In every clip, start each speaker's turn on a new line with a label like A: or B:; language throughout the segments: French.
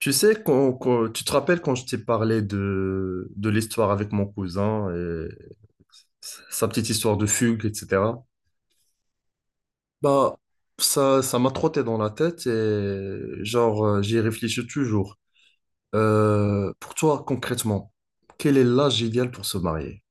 A: Tu sais, tu te rappelles quand je t'ai parlé de l'histoire avec mon cousin et sa petite histoire de fugue, etc. Bah, ça m'a trotté dans la tête et genre, j'y réfléchis toujours. Pour toi, concrètement, quel est l'âge idéal pour se marier?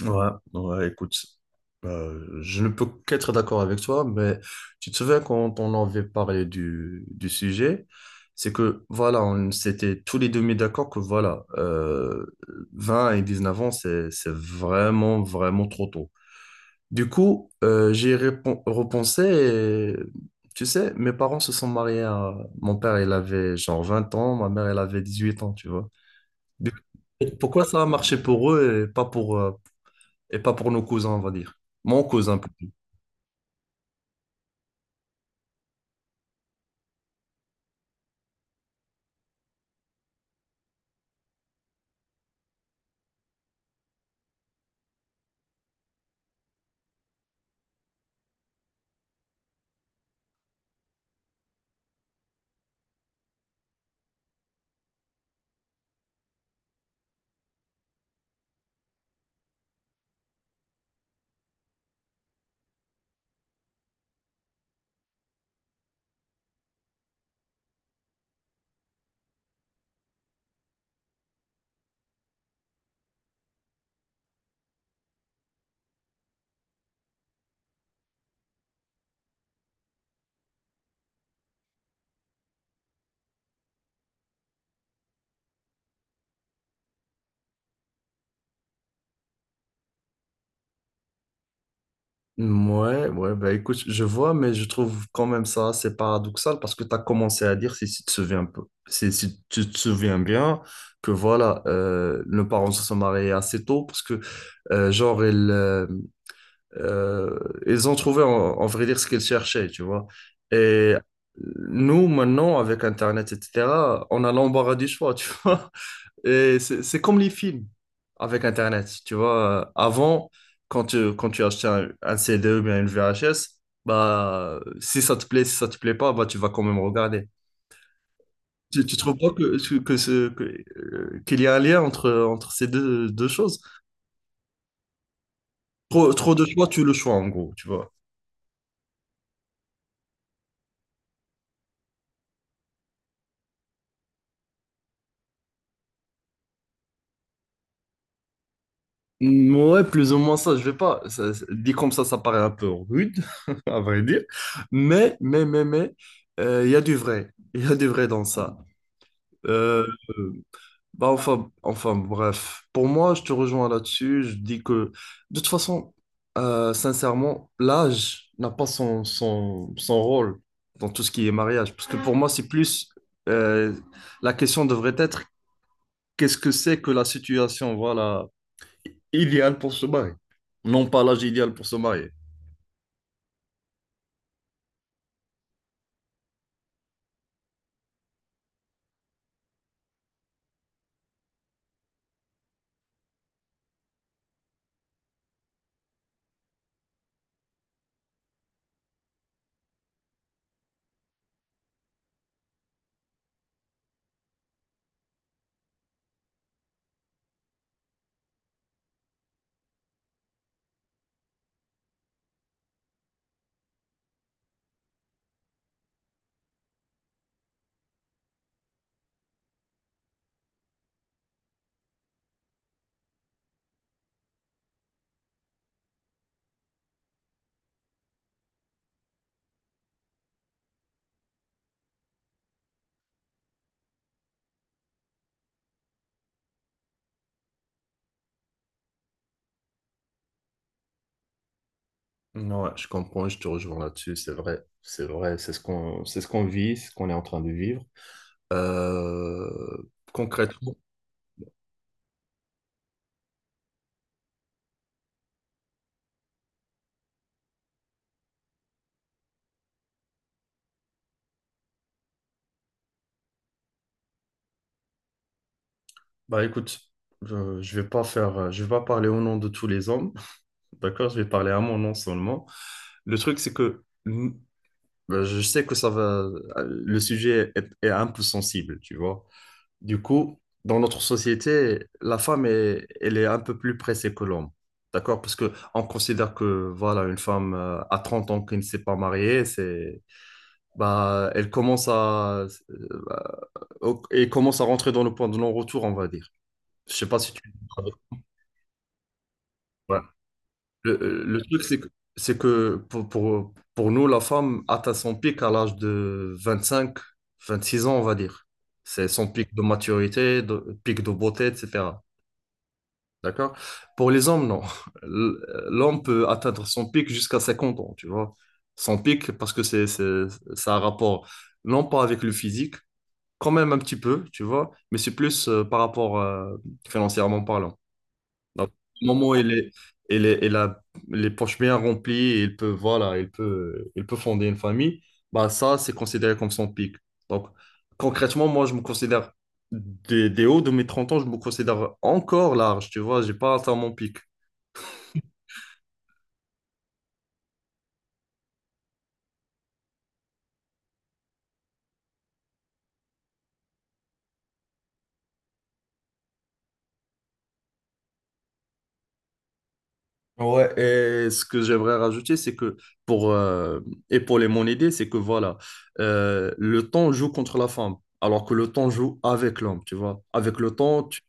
A: Ouais, ouais, écoute, je ne peux qu'être d'accord avec toi, mais tu te souviens quand on avait parlé du sujet, c'est que voilà, on s'était tous les deux mis d'accord que voilà, 20 et neuf ans, c'est vraiment, vraiment trop tôt. Du coup, j'ai repensé et tu sais, mes parents se sont mariés à... Mon père, il avait genre 20 ans, ma mère, elle avait 18 ans, tu vois. Du- coup, Pourquoi ça a marché pour eux et pas pour nos cousins, on va dire. Mon cousin plutôt. Ouais, ouais, bah écoute, je vois, mais je trouve quand même ça assez paradoxal parce que tu as commencé à dire, si tu te souviens un peu, si tu te souviens bien, que voilà, nos parents se sont mariés assez tôt parce que, euh, genre, ils, euh, euh, ils ont trouvé, en vrai dire, ce qu'ils cherchaient, tu vois. Et nous, maintenant, avec Internet, etc., on a l'embarras du choix, tu vois. Et c'est comme les films avec Internet. Tu vois, avant, quand quand tu achetais un CD ou bien une VHS, bah, si ça te plaît, si ça te plaît pas, bah, tu vas quand même regarder. Tu trouves pas qu'il y a un lien entre ces deux choses? Trop, trop de choix, tu le choix, en gros, tu vois. Mm, ouais, plus ou moins ça, je vais pas. Ça dit comme ça paraît un peu rude, à vrai dire. Mais il y a du vrai. Il y a du vrai dans ça. Euh, Bah enfin, enfin, bref, pour moi, je te rejoins là-dessus. Je dis que, de toute façon, sincèrement, l'âge n'a pas son rôle dans tout ce qui est mariage. Parce que pour moi, c'est plus, euh, la question devrait être, qu'est-ce que c'est que la situation, voilà, idéale pour se marier? Non pas l'âge idéal pour se marier. Ouais, je comprends, je te rejoins là-dessus, c'est vrai. C'est vrai, c'est ce qu'on vit, ce qu'on est en train de vivre. Euh, Concrètement. Bah écoute, je vais pas parler au nom de tous les hommes, d'accord? Je vais parler à mon nom seulement. Le truc, c'est que bah, je sais que ça va, le sujet est un peu sensible, tu vois. Du coup, dans notre société, la femme elle est un peu plus pressée que l'homme. D'accord? Parce que on considère que voilà, une femme à 30 ans qui ne s'est pas mariée, c'est bah elle commence à euh, bah, elle commence à rentrer dans le point de non-retour, on va dire. Je sais pas si tu... Ouais. Le truc c'est que pour, pour nous la femme atteint son pic à l'âge de 25 26 ans, on va dire. C'est son pic de maturité, pic de beauté, etc. D'accord? Pour les hommes, non. L- L'homme peut atteindre son pic jusqu'à 50 ans, tu vois. Son pic, parce que ça a un rapport, non pas avec le physique, quand même un petit peu, tu vois, mais c'est plus par rapport financièrement parlant. Au moment où il a les poches bien remplies, et il peut, voilà, il peut fonder une famille, bah ça, c'est considéré comme son pic. Donc, concrètement, moi, je me considère des hauts de mes 30 ans, je me considère encore large, tu vois, j'ai pas atteint mon pic. Ouais, et ce que j'aimerais rajouter, c'est que pour épauler mon idée, c'est que voilà, le temps joue contre la femme, alors que le temps joue avec l'homme, tu vois. Avec le temps, tu,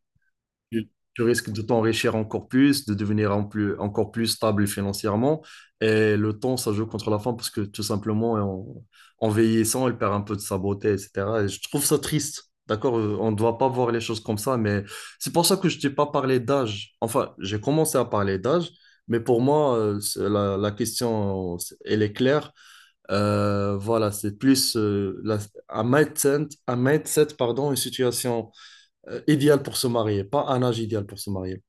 A: tu risques de t'enrichir encore plus, de devenir en plus, encore plus stable financièrement. Et le temps, ça joue contre la femme parce que tout simplement, en vieillissant, elle perd un peu de sa beauté, etc. Et je trouve ça triste. D'accord. On ne doit pas voir les choses comme ça, mais c'est pour ça que je t'ai pas parlé d'âge. Enfin, j'ai commencé à parler d'âge, mais pour moi, la la, question, c'est- elle est claire. Voilà, c'est plus un un mindset, pardon, une situation idéal pour se marier, pas un âge idéal pour se marier.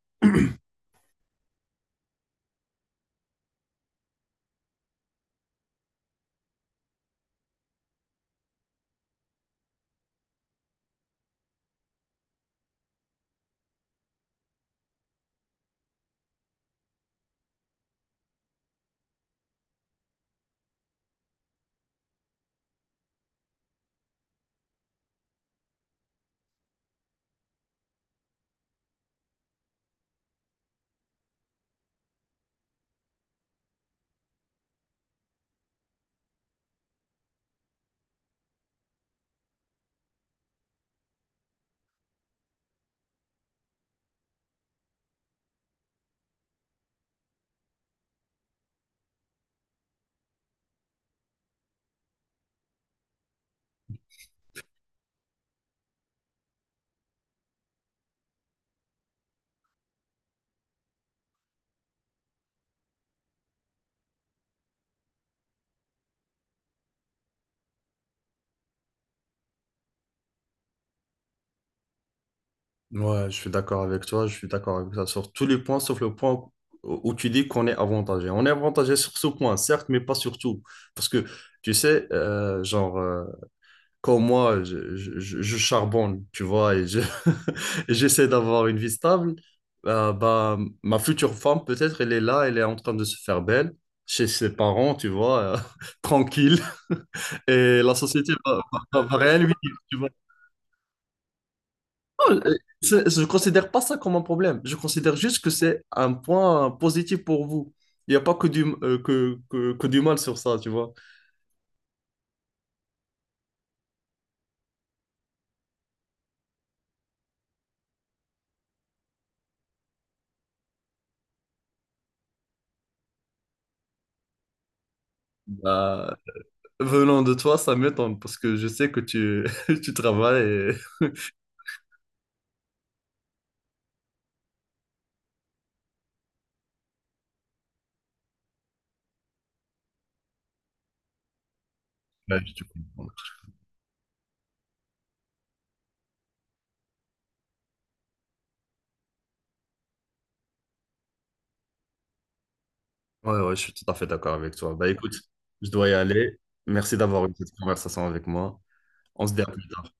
A: Ouais, je suis d'accord avec toi, je suis d'accord avec ça sur tous les points, sauf le point où tu dis qu'on est avantagé. On est avantagé sur ce point, certes, mais pas sur tout. Parce que, tu sais, quand moi, je charbonne, tu vois, et j'essaie d'avoir une vie stable, bah, ma future femme, peut-être, elle est là, elle est en train de se faire belle, chez ses parents, tu vois, tranquille, et la société va rien lui dire, tu... Oh, je ne considère pas ça comme un problème. Je considère juste que c'est un point positif pour vous. Il n'y a pas que du mal sur ça, tu vois. Bah, venant de toi, ça m'étonne parce que je sais que tu, tu travailles et... Ouais, je te comprends. Ouais, ouais, je suis tout à fait d'accord avec toi. Bah écoute, je dois y aller. Merci d'avoir eu cette conversation avec moi. On se dit à plus tard.